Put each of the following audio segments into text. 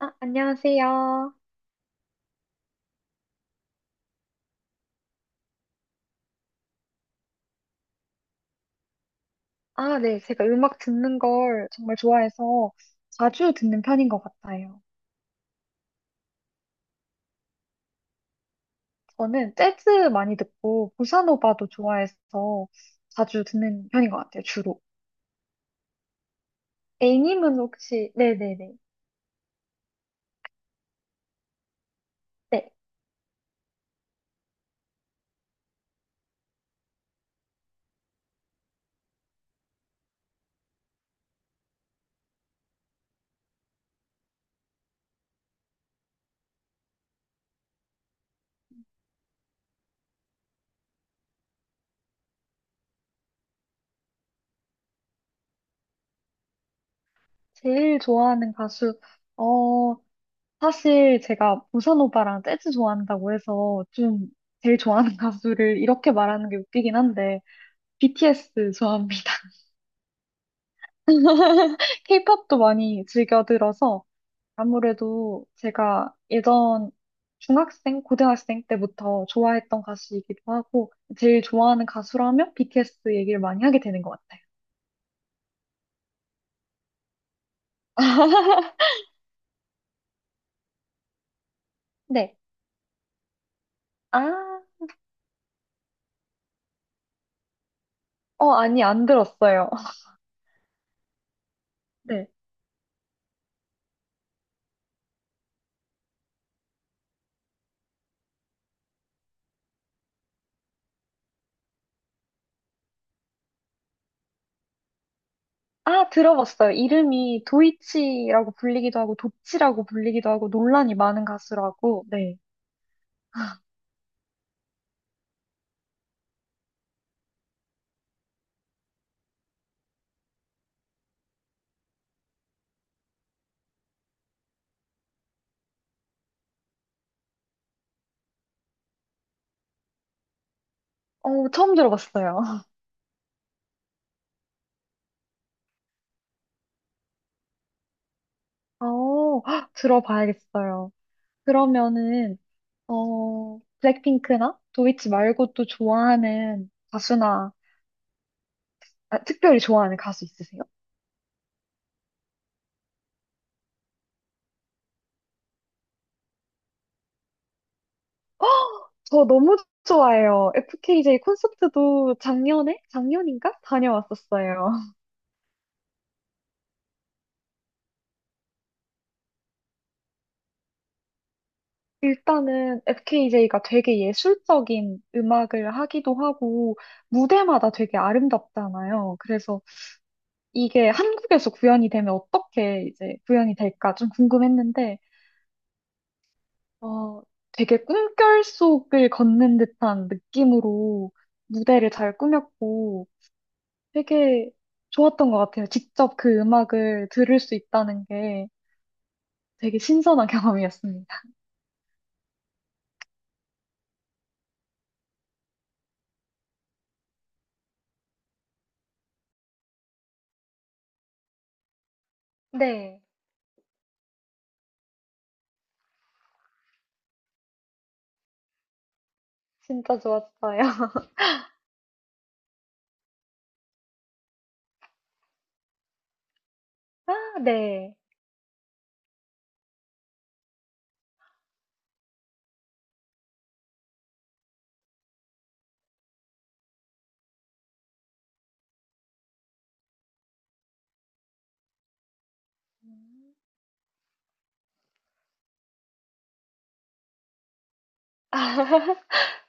아, 안녕하세요. 아, 네. 제가 음악 듣는 걸 정말 좋아해서 자주 듣는 편인 것 같아요. 저는 재즈 많이 듣고 보사노바도 좋아해서 자주 듣는 편인 것 같아요, 주로. A님은 혹시, 네네네. 네. 제일 좋아하는 가수, 어, 사실 제가 보사노바랑 재즈 좋아한다고 해서 좀 제일 좋아하는 가수를 이렇게 말하는 게 웃기긴 한데, BTS 좋아합니다. 케이팝도 많이 즐겨 들어서 아무래도 제가 예전 중학생, 고등학생 때부터 좋아했던 가수이기도 하고, 제일 좋아하는 가수라면 BTS 얘기를 많이 하게 되는 것 같아요. 네. 아, 어, 아니, 안 들었어요. 네. 아, 들어봤어요. 이름이 도이치라고 불리기도 하고, 도치라고 불리기도 하고, 논란이 많은 가수라고. 네. 어, 처음 들어봤어요. 어, 헉, 들어봐야겠어요. 그러면은, 블랙핑크나 도이치 말고 또 좋아하는 가수나, 아, 특별히 좋아하는 가수 있으세요? 저 너무 좋아해요. FKJ 콘서트도 작년에? 작년인가? 다녀왔었어요. 일단은 FKJ가 되게 예술적인 음악을 하기도 하고, 무대마다 되게 아름답잖아요. 그래서 이게 한국에서 구현이 되면 어떻게 이제 구현이 될까 좀 궁금했는데, 어, 되게 꿈결 속을 걷는 듯한 느낌으로 무대를 잘 꾸몄고 되게 좋았던 것 같아요. 직접 그 음악을 들을 수 있다는 게 되게 신선한 경험이었습니다. 네, 진짜 좋았어요. 아, 네. 음,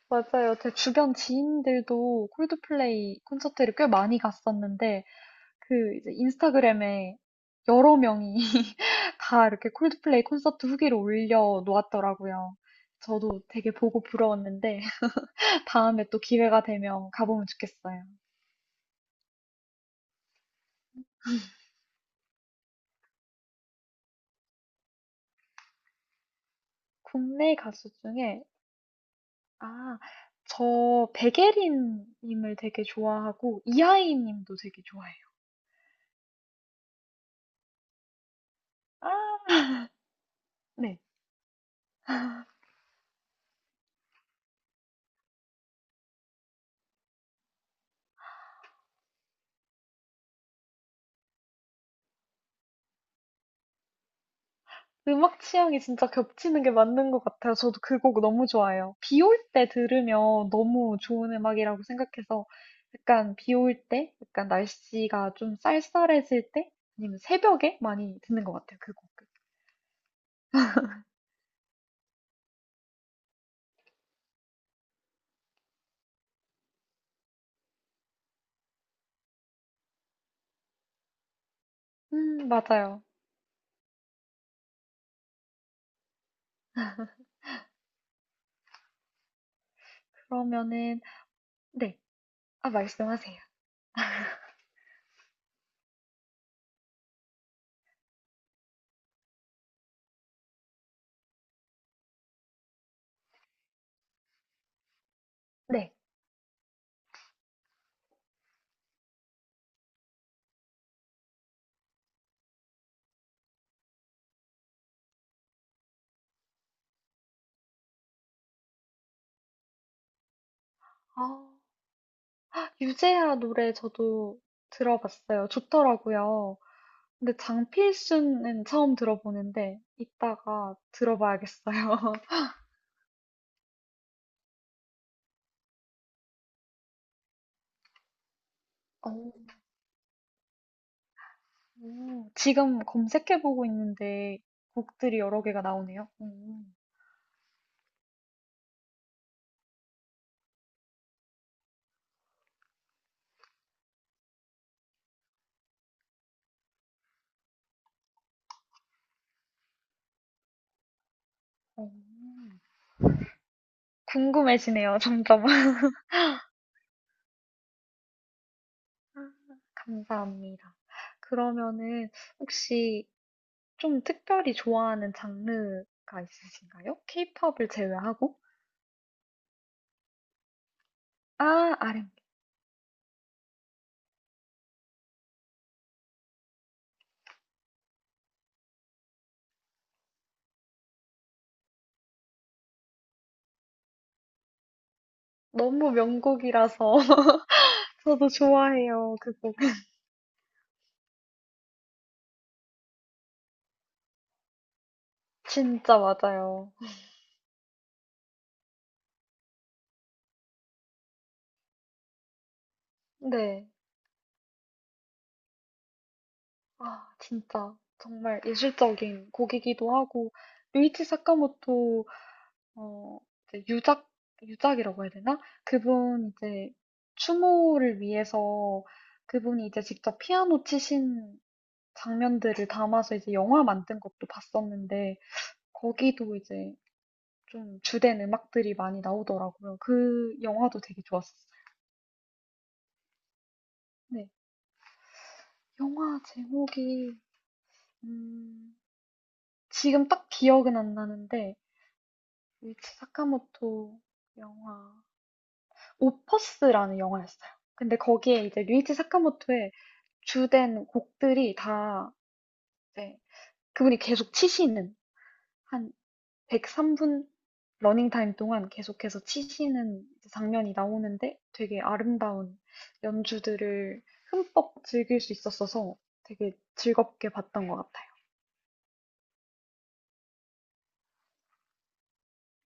맞아요. 제 주변 지인들도 콜드플레이 콘서트를 꽤 많이 갔었는데, 그 이제 인스타그램에 여러 명이 다 이렇게 콜드플레이 콘서트 후기를 올려 놓았더라고요. 저도 되게 보고 부러웠는데 다음에 또 기회가 되면 가보면 좋겠어요. 국내 가수 중에 아, 저 백예린 님을 되게 좋아하고 이하이 님도 되게 좋아해요. 아, 네. 음악 취향이 진짜 겹치는 게 맞는 것 같아요. 저도 그 곡 너무 좋아해요. 비올 때 들으면 너무 좋은 음악이라고 생각해서 약간 비올 때, 약간 날씨가 좀 쌀쌀해질 때, 아니면 새벽에 많이 듣는 것 같아요. 그 곡. 맞아요. 그러면은, 네. 아, 말씀하세요. 네. 아, 유재하 노래 저도 들어봤어요. 좋더라고요. 근데 장필순은 처음 들어보는데, 이따가 들어봐야겠어요. 어, 지금 검색해보고 있는데 곡들이 여러 개가 나오네요. 어, 궁금해지네요, 점점. 아, 감사합니다. 그러면은 혹시 좀 특별히 좋아하는 장르가 있으신가요? 케이팝을 제외하고? 아, R&B. 너무 명곡이라서 저도 좋아해요, 그 곡. 진짜 맞아요. 네. 아, 진짜 정말 예술적인 곡이기도 하고 루이치 사카모토 어, 이제 유작, 유작이라고 해야 되나? 그분 이제 추모를 위해서 그분이 이제 직접 피아노 치신 장면들을 담아서 이제 영화 만든 것도 봤었는데 거기도 이제 좀 주된 음악들이 많이 나오더라고요. 그 영화도 되게 좋았었어요. 네, 영화 제목이 음, 지금 딱 기억은 안 나는데 유이치 사카모토 영화 오퍼스라는 영화였어요. 근데 거기에 이제 류이치 사카모토의 주된 곡들이 다 이제 그분이 계속 치시는 한 103분 러닝타임 동안 계속해서 치시는 장면이 나오는데 되게 아름다운 연주들을 흠뻑 즐길 수 있었어서 되게 즐겁게 봤던 것 같아요.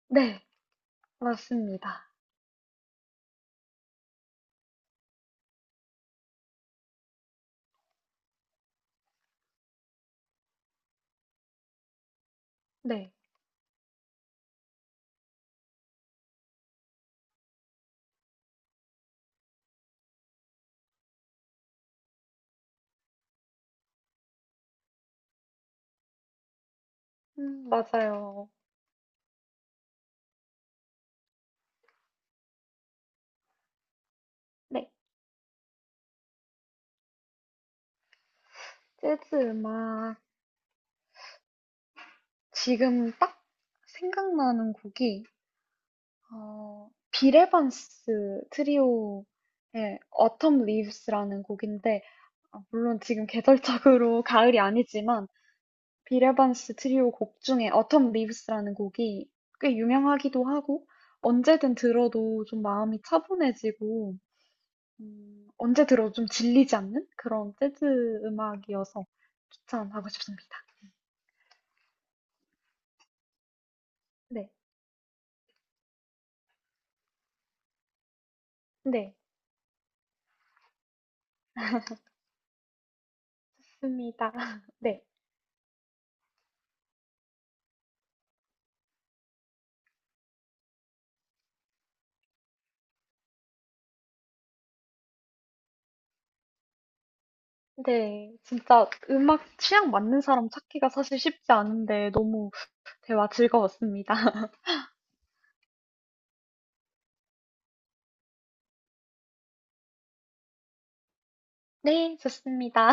네, 맞습니다. 네, 맞아요. 네, 재즈 음악. 지금 딱 생각나는 곡이 빌 에반스 트리오의 Autumn Leaves라는 곡인데 아, 물론 지금 계절적으로 가을이 아니지만 빌 에반스 트리오 곡 중에 Autumn Leaves라는 곡이 꽤 유명하기도 하고 언제든 들어도 좀 마음이 차분해지고 언제 들어도 좀 질리지 않는 그런 재즈 음악이어서 추천하고 싶습니다. 네, 네, 있습니다. 네. 네, 진짜 음악 취향 맞는 사람 찾기가 사실 쉽지 않은데 너무 대화 즐거웠습니다. 네, 좋습니다.